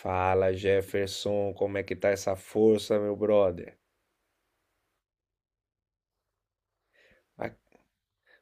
Fala, Jefferson, como é que tá essa força, meu brother? Ah,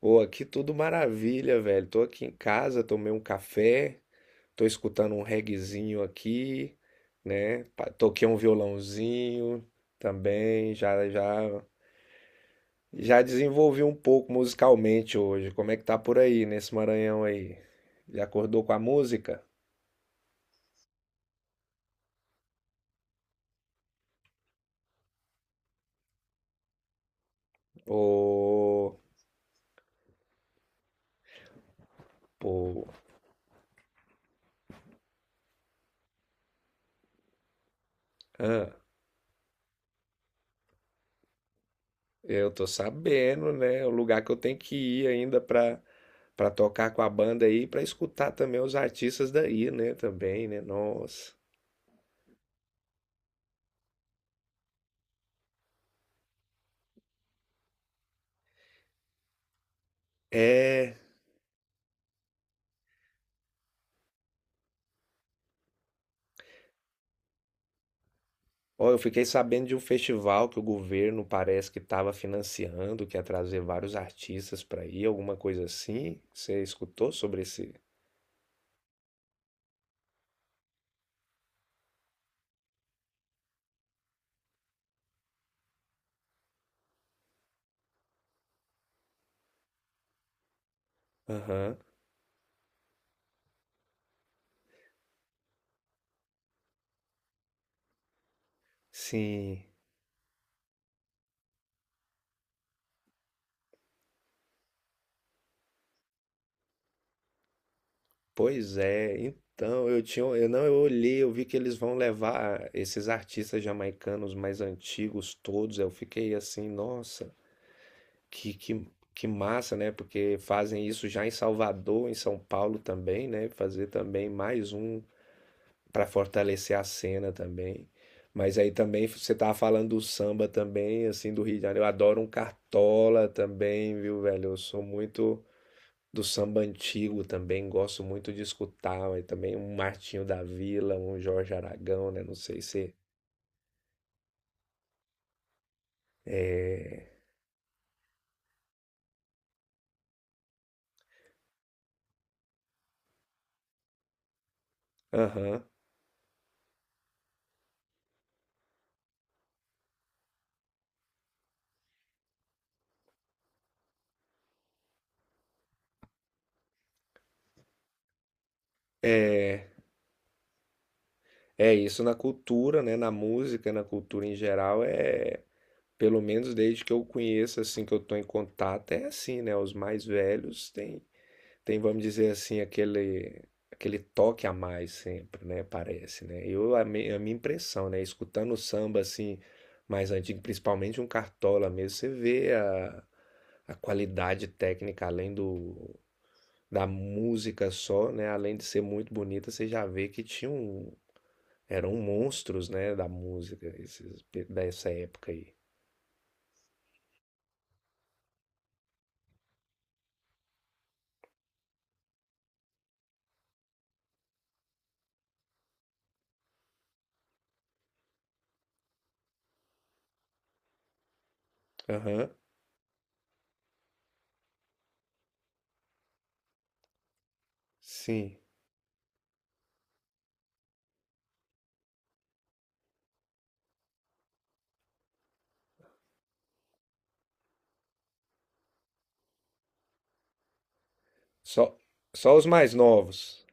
Pô, aqui tudo maravilha, velho. Tô aqui em casa, tomei um café, tô escutando um reguezinho aqui, né? Toquei um violãozinho também, já já já desenvolvi um pouco musicalmente hoje. Como é que tá por aí nesse Maranhão aí? Já acordou com a música? Ô, pô, hã? Eu tô sabendo, né? O lugar que eu tenho que ir ainda pra para tocar com a banda aí, pra escutar também os artistas daí, né? Também, né? Nossa. É. Ó, eu fiquei sabendo de um festival que o governo parece que estava financiando, que ia trazer vários artistas pra ir, alguma coisa assim. Você escutou sobre esse? Aham. Sim. Pois é, então eu tinha, eu não, eu olhei, eu vi que eles vão levar esses artistas jamaicanos mais antigos todos. Eu fiquei assim, nossa, que, que, que massa, né? Porque fazem isso já em Salvador, em São Paulo também, né? Fazer também mais um para fortalecer a cena também. Mas aí também você tava falando do samba também, assim, do Rio de Janeiro. Eu adoro um cartola também, viu, velho? Eu sou muito do samba antigo também, gosto muito de escutar, mas também um Martinho da Vila, um Jorge Aragão, né? Não sei se. É. Aham. É. É isso na cultura, né? Na música, na cultura em geral, é. Pelo menos desde que eu conheço, assim, que eu tô em contato, é assim, né? Os mais velhos vamos dizer assim, aquele toque a mais sempre, né? Parece, né? A minha impressão, né? Escutando o samba assim mais antigo, principalmente um Cartola mesmo, a qualidade técnica além do da música só, né? Além de ser muito bonita, você já vê que tinha um eram monstros, né, da música dessa época aí. Aham. Sim. Só só os mais novos.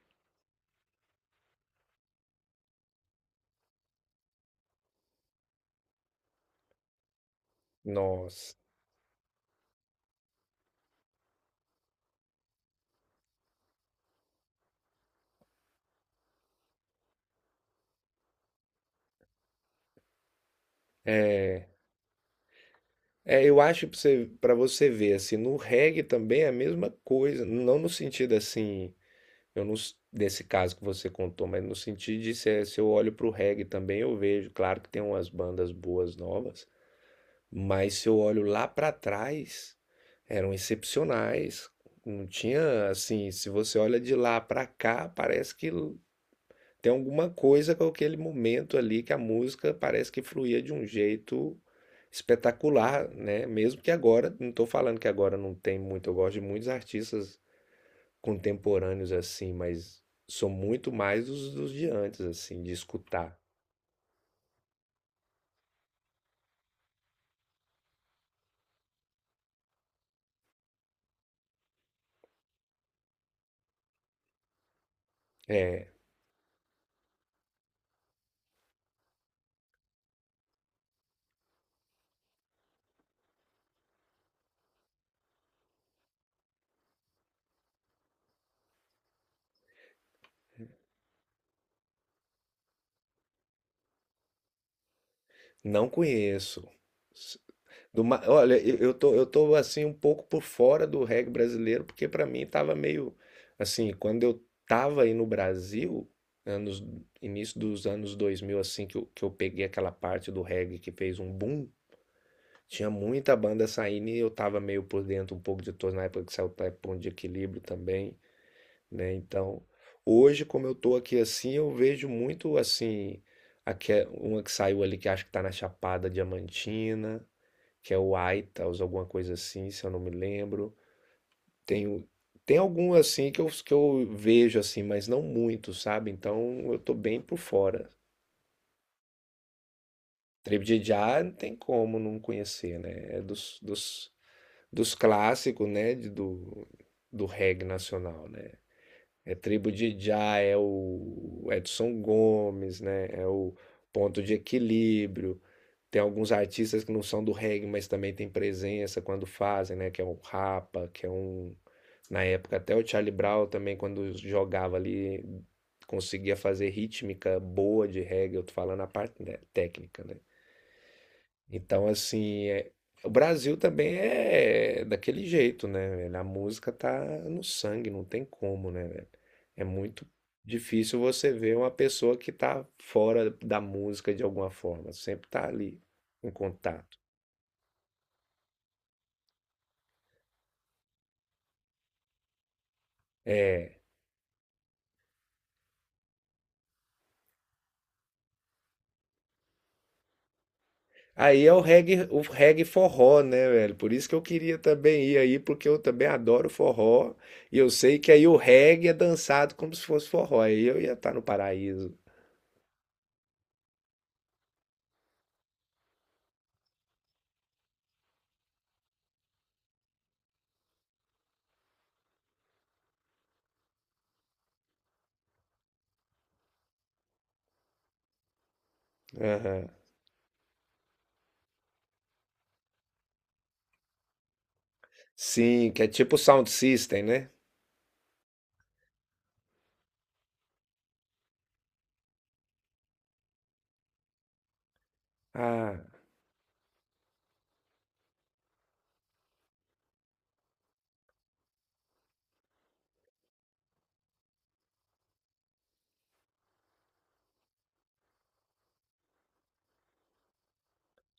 Nossa. É, É, eu acho pra você ver, assim, no reggae também é a mesma coisa, não no sentido assim, eu não, s- nesse caso que você contou, mas no sentido de se eu olho para o reggae também eu vejo, claro que tem umas bandas boas novas, mas se eu olho lá para trás, eram excepcionais, não tinha, assim, se você olha de lá para cá, parece que tem alguma coisa com aquele momento ali que a música parece que fluía de um jeito espetacular, né? Mesmo que agora, não estou falando que agora não tem muito, eu gosto de muitos artistas contemporâneos assim, mas sou muito mais dos de antes, assim, de escutar. É, não conheço. Olha, eu tô assim um pouco por fora do reggae brasileiro, porque pra mim tava meio assim, quando eu tava aí no Brasil, anos início dos anos 2000 assim que eu peguei aquela parte do reggae que fez um boom, tinha muita banda saindo e eu tava meio por dentro um pouco de todos na época que saiu o Ponto de Equilíbrio também, né? Então, hoje como eu tô aqui assim, eu vejo muito assim, uma que saiu ali que acho que tá na Chapada Diamantina, que é o Itals, alguma coisa assim, se eu não me lembro. Tenho Tem algum assim que eu vejo assim, mas não muito, sabe? Então eu tô bem por fora. Trip já não tem como não conhecer, né? É dos, dos clássicos, né? Do, do reggae nacional, né? É Tribo de Já, é o Edson Gomes, né? É o Ponto de Equilíbrio. Tem alguns artistas que não são do reggae, mas também tem presença quando fazem, né? Que é um Rapa, que é um. Na época, até o Charlie Brown também, quando jogava ali, conseguia fazer rítmica boa de reggae. Eu tô falando a parte né, técnica, né? Então, assim, o Brasil também é daquele jeito, né, velho? A música tá no sangue, não tem como, né, velho? É muito difícil você ver uma pessoa que tá fora da música de alguma forma, sempre tá ali em contato. É. Aí é o reggae forró, né, velho? Por isso que eu queria também ir aí, porque eu também adoro forró. E eu sei que aí o reggae é dançado como se fosse forró. Aí eu ia estar no paraíso. Aham. Sim, que é tipo sound system, né? Ah,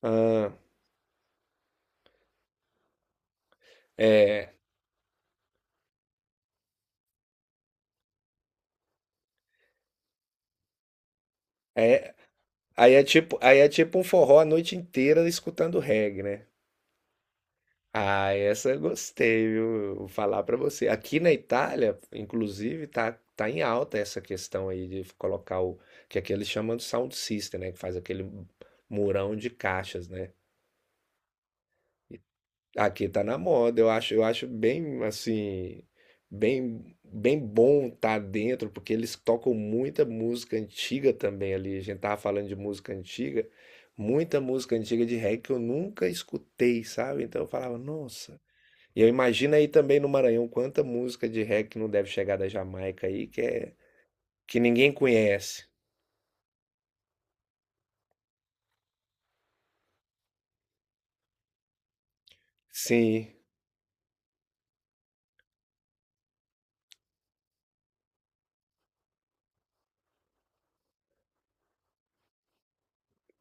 ah, é, é, aí é tipo um forró a noite inteira escutando reggae, né? Ah, essa eu gostei, viu? Vou falar pra você. Aqui na Itália, inclusive, tá em alta essa questão aí de colocar o que aqui eles chamam de sound system, né? Que faz aquele murão de caixas, né? Aqui tá na moda. Eu acho bem assim, bem bom tá dentro, porque eles tocam muita música antiga também ali. A gente tava falando de música antiga, muita música antiga de reggae que eu nunca escutei, sabe? Então eu falava, nossa. E eu imagino aí também no Maranhão quanta música de reggae que não deve chegar da Jamaica aí, que é que ninguém conhece. Sim,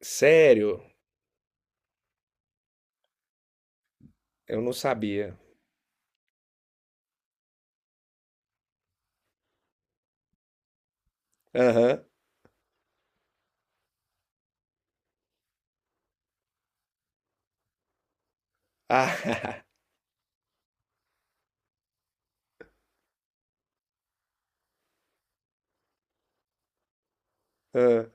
sério, eu não sabia. Aham. Ah, ah.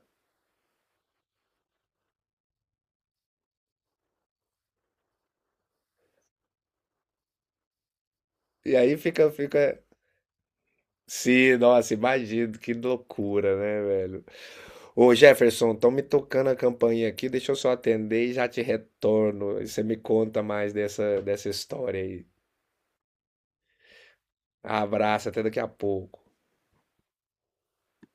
E aí fica, fica. Sim, nossa, imagino, que loucura, né, velho? Ô Jefferson, estão me tocando a campainha aqui, deixa eu só atender e já te retorno. E você me conta mais dessa história aí. Abraço, até daqui a pouco.